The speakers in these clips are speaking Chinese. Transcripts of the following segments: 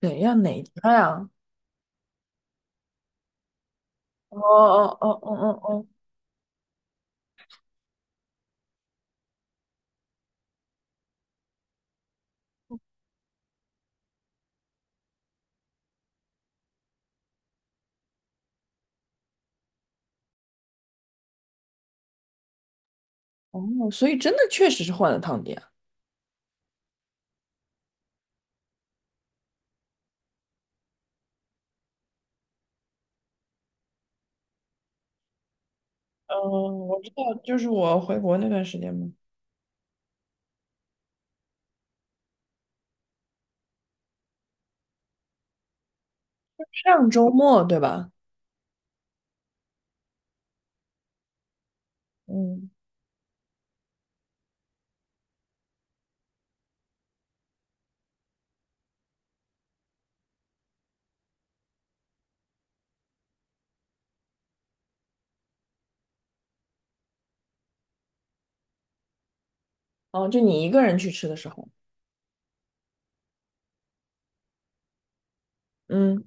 怎样哪家呀？哦哦哦哦哦哦哦,所以真的确实是换了汤底啊。嗯，我知道，就是我回国那段时间嘛。上周末对吧？嗯，哦，就你一个人去吃的时候。嗯，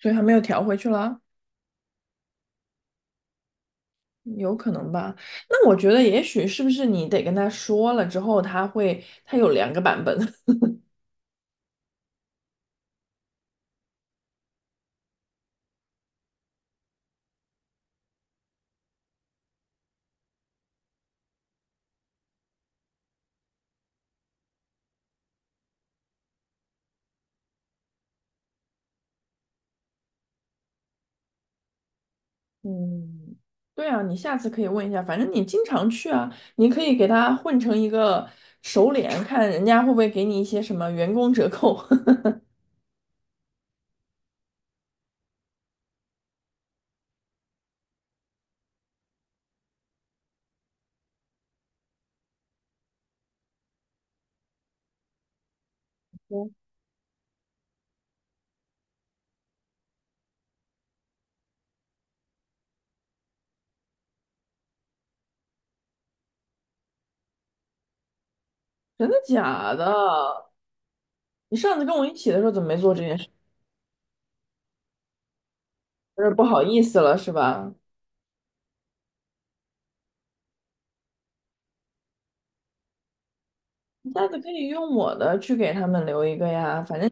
所以还没有调回去了，有可能吧？那我觉得也许是不是你得跟他说了之后，他有两个版本。嗯，对啊，你下次可以问一下，反正你经常去啊，你可以给他混成一个熟脸，看人家会不会给你一些什么员工折扣。嗯，真的假的？你上次跟我一起的时候怎么没做这件事？有点不好意思了是吧？你下次可以用我的去给他们留一个呀，反正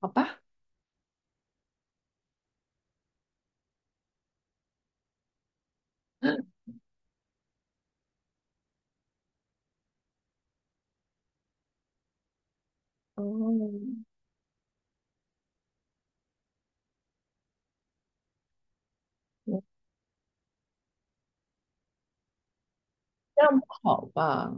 好吧。哦，嗯，这样不好吧？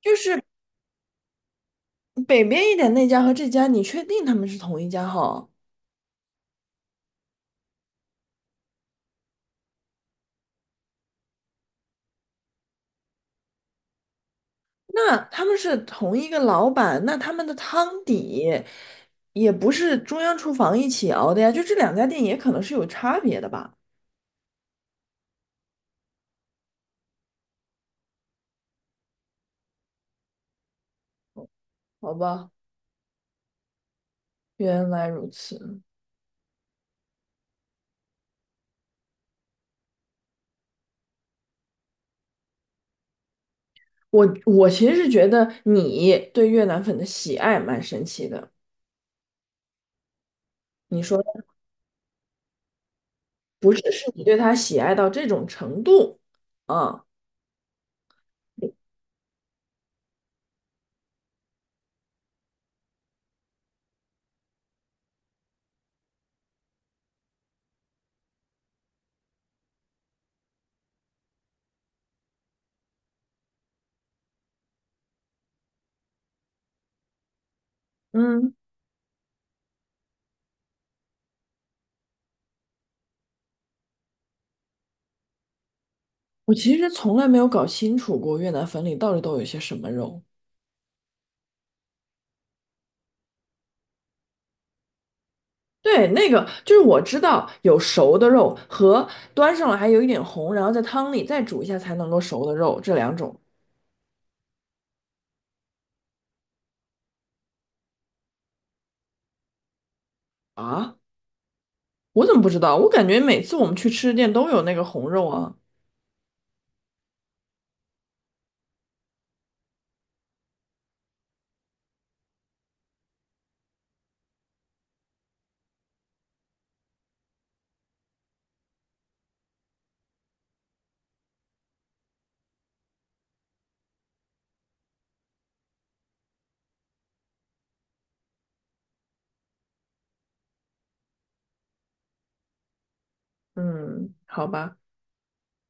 就是北边一点那家和这家，你确定他们是同一家哈？那他们是同一个老板，那他们的汤底也不是中央厨房一起熬的呀，就这两家店也可能是有差别的吧？好吧，原来如此。我其实是觉得你对越南粉的喜爱蛮神奇的。你说不是，是你对它喜爱到这种程度，啊？嗯，我其实从来没有搞清楚过越南粉里到底都有些什么肉。对，那个就是我知道有熟的肉和端上来还有一点红，然后在汤里再煮一下才能够熟的肉，这两种。啊，我怎么不知道？我感觉每次我们去吃的店都有那个红肉啊。嗯，好吧，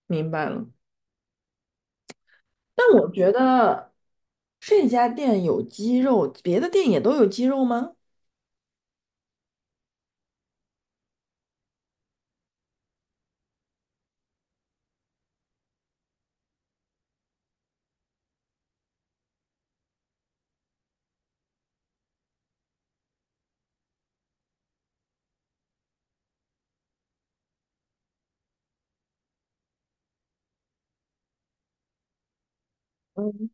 明白了。但我觉得这家店有鸡肉，别的店也都有鸡肉吗？嗯，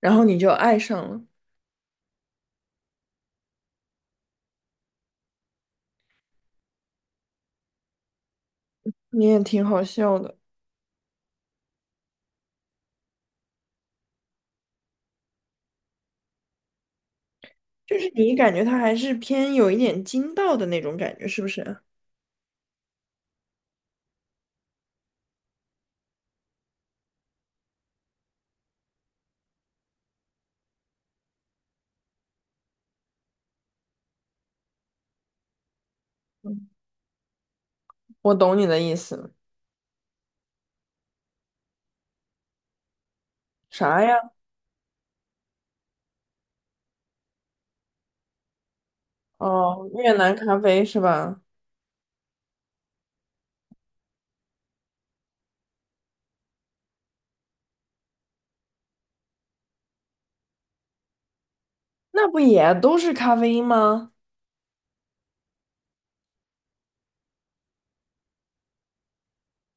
然后你就爱上了。你也挺好笑的。就是你感觉它还是偏有一点筋道的那种感觉，是不是？我懂你的意思。啥呀？哦，越南咖啡是吧？那不也都是咖啡因吗？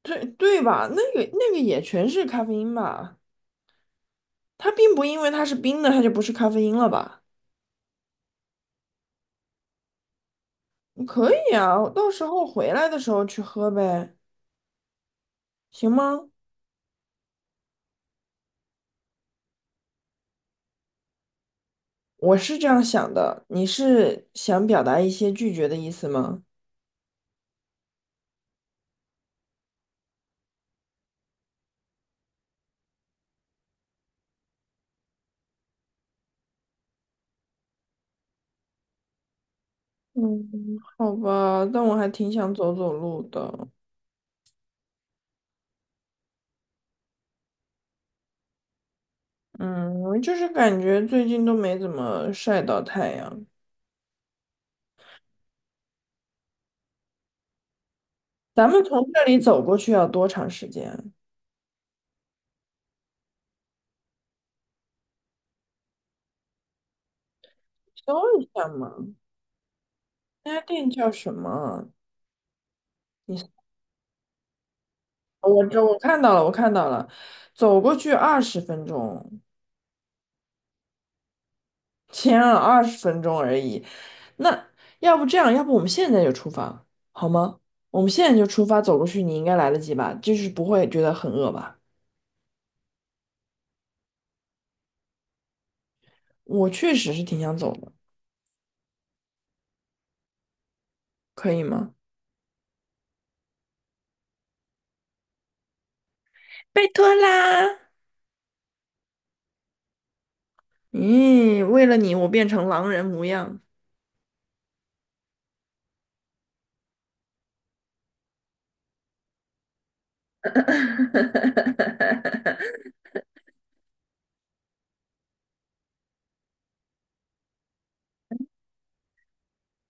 对，对吧？那个那个也全是咖啡因吧？它并不因为它是冰的，它就不是咖啡因了吧？可以啊，我到时候回来的时候去喝呗，行吗？我是这样想的，你是想表达一些拒绝的意思吗？嗯，好吧，但我还挺想走走路的。嗯，我就是感觉最近都没怎么晒到太阳。咱们从这里走过去要多长时间啊，搜一下嘛。那家店叫什么？你，哦我这我看到了，我看到了，走过去二十分钟。前啊二十分钟而已。那要不这样，要不我们现在就出发，好吗？我们现在就出发，走过去你应该来得及吧？就是不会觉得很饿吧？我确实是挺想走的，可以吗？拜托啦！咦，为了你，我变成狼人模样。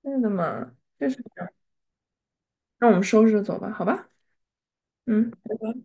真的吗？就是这样，那我们收拾走吧，好吧？嗯。拜拜